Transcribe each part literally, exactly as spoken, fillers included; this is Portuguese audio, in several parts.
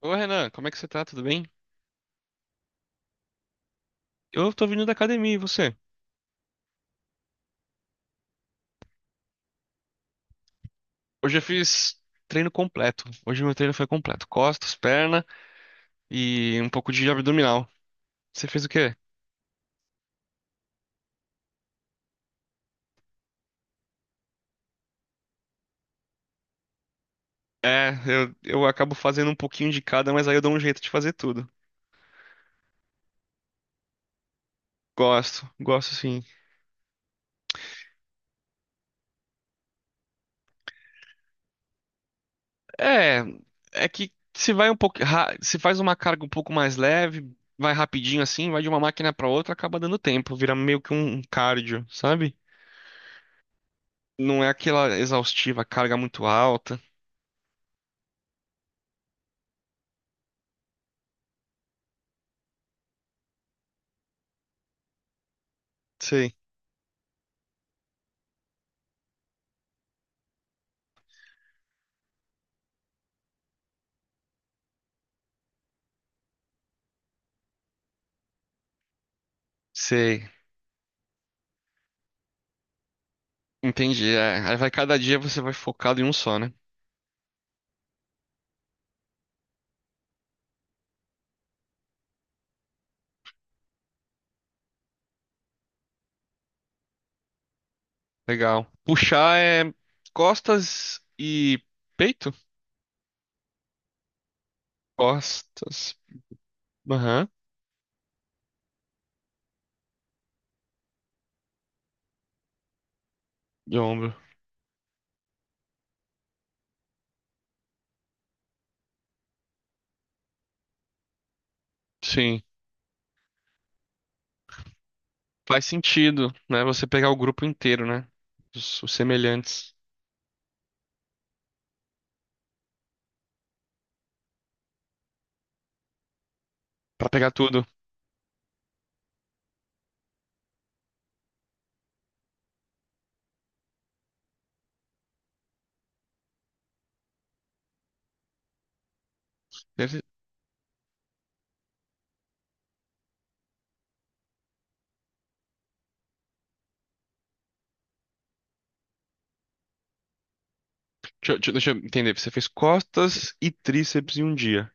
Ô Renan, como é que você tá? Tudo bem? Eu tô vindo da academia, e você? Hoje eu fiz treino completo. Hoje meu treino foi completo. Costas, perna e um pouco de abdominal. Você fez o quê? É, eu, eu acabo fazendo um pouquinho de cada, mas aí eu dou um jeito de fazer tudo. Gosto, gosto sim. É, é que se vai um pouco, ra- se faz uma carga um pouco mais leve, vai rapidinho assim, vai de uma máquina pra outra, acaba dando tempo, vira meio que um um cardio, sabe? Não é aquela exaustiva, carga muito alta. Sei. Sei. Entendi. É. Aí vai cada dia você vai focado em um só, né? Legal. Puxar é costas e peito? Costas. Aham. E ombro. Sim. Faz sentido, né? Você pegar o grupo inteiro, né? Os, os semelhantes. Pra pegar tudo. Deve- Deixa, deixa- deixa eu entender. Você fez costas e tríceps em um dia.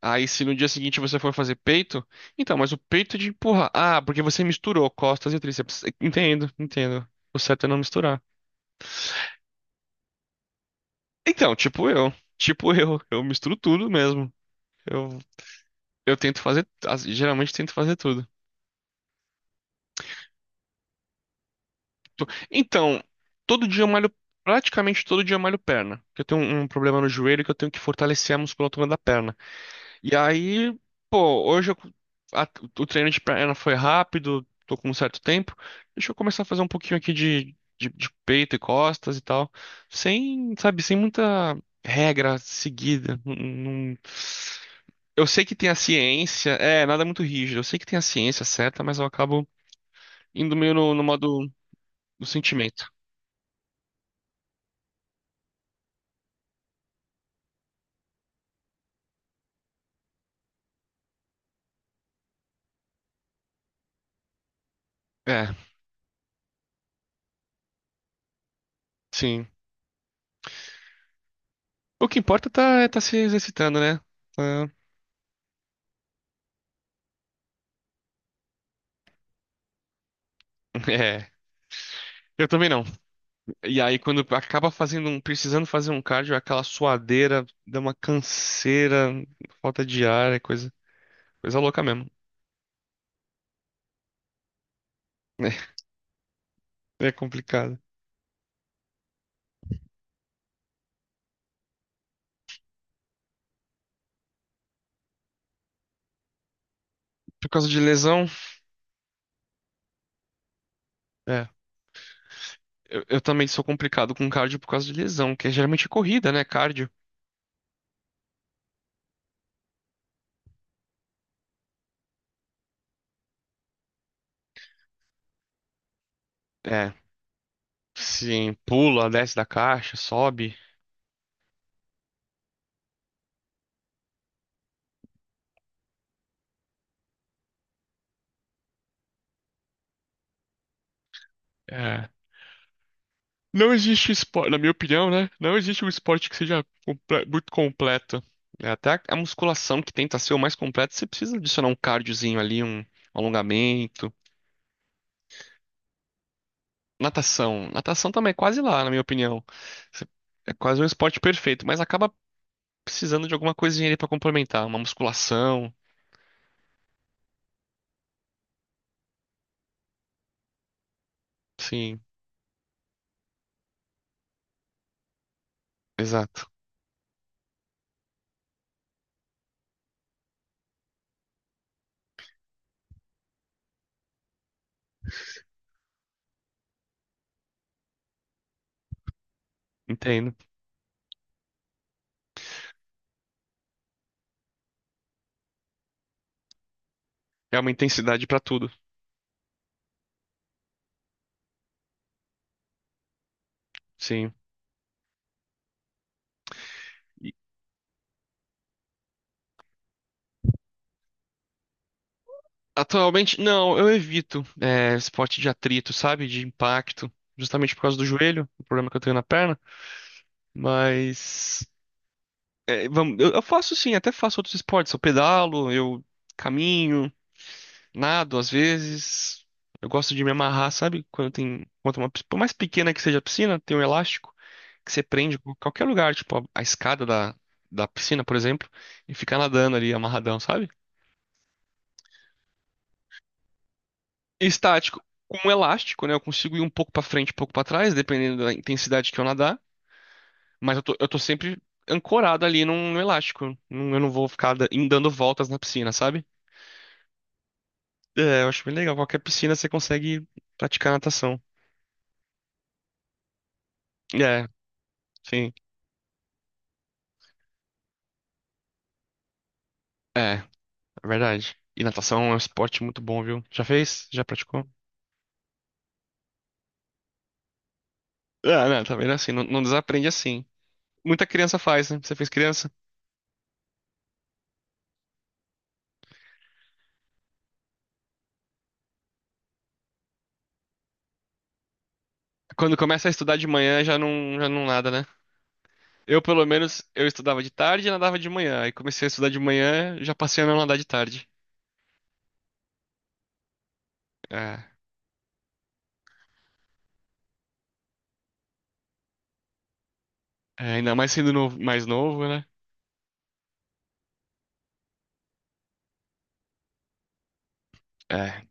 Aí, se no dia seguinte você for fazer peito, então, mas o peito é de empurrar. Ah, porque você misturou costas e tríceps. Entendo, entendo. O certo é não misturar. Então, tipo eu. Tipo eu. Eu misturo tudo mesmo. Eu, eu tento fazer. as- Geralmente tento fazer tudo. Tu- Então, todo dia eu malho. Praticamente todo dia eu malho perna. Porque eu tenho um, um problema no joelho que eu tenho que fortalecer a musculatura da perna. E aí, pô, hoje eu- a- o treino de perna foi rápido. Tô com um certo tempo. Deixa eu começar a fazer um pouquinho aqui de, de, de peito e costas e tal. Sem, sabe, sem muita regra seguida. Não. Eu sei que tem a ciência, é, nada muito rígido. Eu sei que tem a ciência certa, mas eu acabo indo meio no, no modo do sentimento. É, sim. O que importa tá, é tá se exercitando, né? Tá- É, eu também não. E aí, quando acaba fazendo um, precisando fazer um cardio, é aquela suadeira, dá uma canseira, falta de ar, é coisa, coisa louca mesmo. É, é complicado. Por causa de lesão, é. Eu, eu também sou complicado com cardio por causa de lesão, que é geralmente corrida, né? Cardio. É, sim, pula, desce da caixa, sobe. É. Não existe esporte, na minha opinião, né? Não existe um esporte que seja comple- muito completo. É, até a a musculação que tenta ser o mais completo, você precisa adicionar um cardiozinho ali, um alongamento. Natação. Natação também é quase lá, na minha opinião. Você- É quase um esporte perfeito, mas acaba precisando de alguma coisinha ali pra complementar. Uma musculação. Sim, exato. Entendo. É uma intensidade pra tudo. Sim. Atualmente, não, eu evito é, esporte de atrito, sabe? De impacto, justamente por causa do joelho, o problema que eu tenho na perna. Mas é, vamos, eu, eu faço sim, até faço outros esportes. Eu pedalo, eu caminho, nado às vezes. Eu gosto de me amarrar, sabe? Quando tem, quando tem uma, pi- por mais pequena que seja a piscina, tem um elástico que você prende em qualquer lugar, tipo a, a escada da, da piscina, por exemplo, e fica nadando ali amarradão, sabe? Estático com um elástico, né? Eu consigo ir um pouco pra frente, um pouco pra trás, dependendo da intensidade que eu nadar. Mas eu tô, eu tô sempre ancorado ali num, num elástico. Não- Eu não vou ficar da- indo dando voltas na piscina, sabe? É, eu acho bem legal. Qualquer piscina você consegue praticar natação. É, sim. É, é verdade. E natação é um esporte muito bom, viu? Já fez? Já praticou? Ah, não, tá vendo assim? Não, não desaprende assim. Muita criança faz, né? Você fez criança? Quando começa a estudar de manhã já não, já não nada, né? Eu, pelo menos, eu estudava de tarde e nadava de manhã. Aí comecei a estudar de manhã, já passei a não nadar de tarde. É, é, ainda mais sendo novo- mais novo, né? É.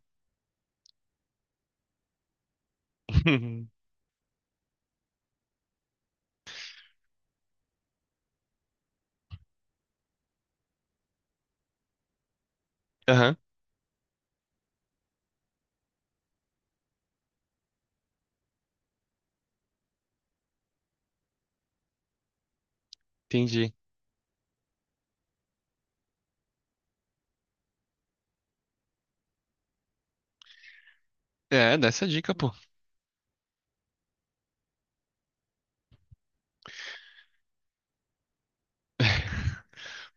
Aham, entendi. É, dá essa dica, pô.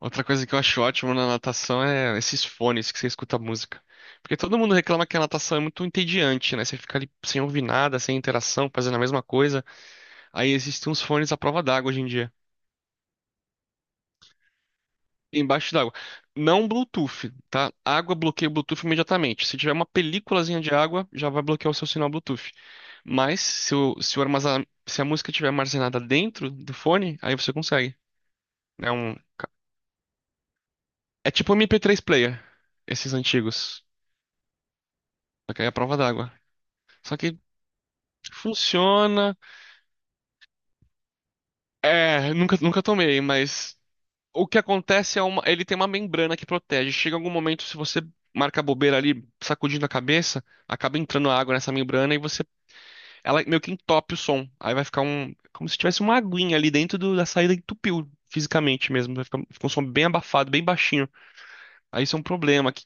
Outra coisa que eu acho ótimo na natação é esses fones que você escuta música. Porque todo mundo reclama que a natação é muito entediante, né? Você fica ali sem ouvir nada, sem interação, fazendo a mesma coisa. Aí existem uns fones à prova d'água hoje em dia. Embaixo d'água. Não Bluetooth, tá? Água bloqueia o Bluetooth imediatamente. Se tiver uma películazinha de água, já vai bloquear o seu sinal Bluetooth. Mas se o, se o armazen- se a música estiver armazenada dentro do fone, aí você consegue. É um, é tipo um M P três player, esses antigos. Só que aí é a prova d'água. Só que funciona. É, nunca, nunca tomei, mas o que acontece é uma, ele tem uma membrana que protege. Chega algum momento, se você marca a bobeira ali, sacudindo a cabeça, acaba entrando água nessa membrana e você ela meio que entope o som. Aí vai ficar um, como se tivesse uma aguinha ali dentro do- da saída, entupiu fisicamente mesmo. Vai ficar, um, fica um som bem abafado, bem baixinho. Aí isso é um problema. Que-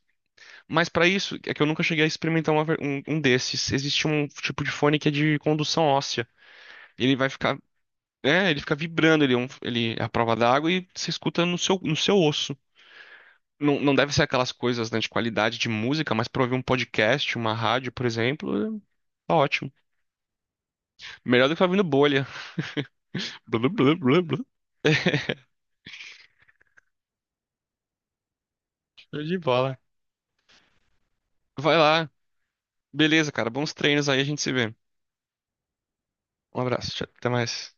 Mas pra isso, é que eu nunca cheguei a experimentar uma ver- um, um desses. Existe um tipo de fone que é de condução óssea. Ele vai ficar, é, ele fica vibrando, ele é, um- ele é a prova d'água e você escuta no seu, no seu osso. Não, não deve ser aquelas coisas, né, de qualidade de música, mas pra ouvir um podcast, uma rádio, por exemplo, é, tá ótimo. Melhor do que ficar ouvindo bolha. Show de bola. Vai lá. Beleza, cara. Bons treinos aí, a gente se vê. Um abraço. Tchau, até mais.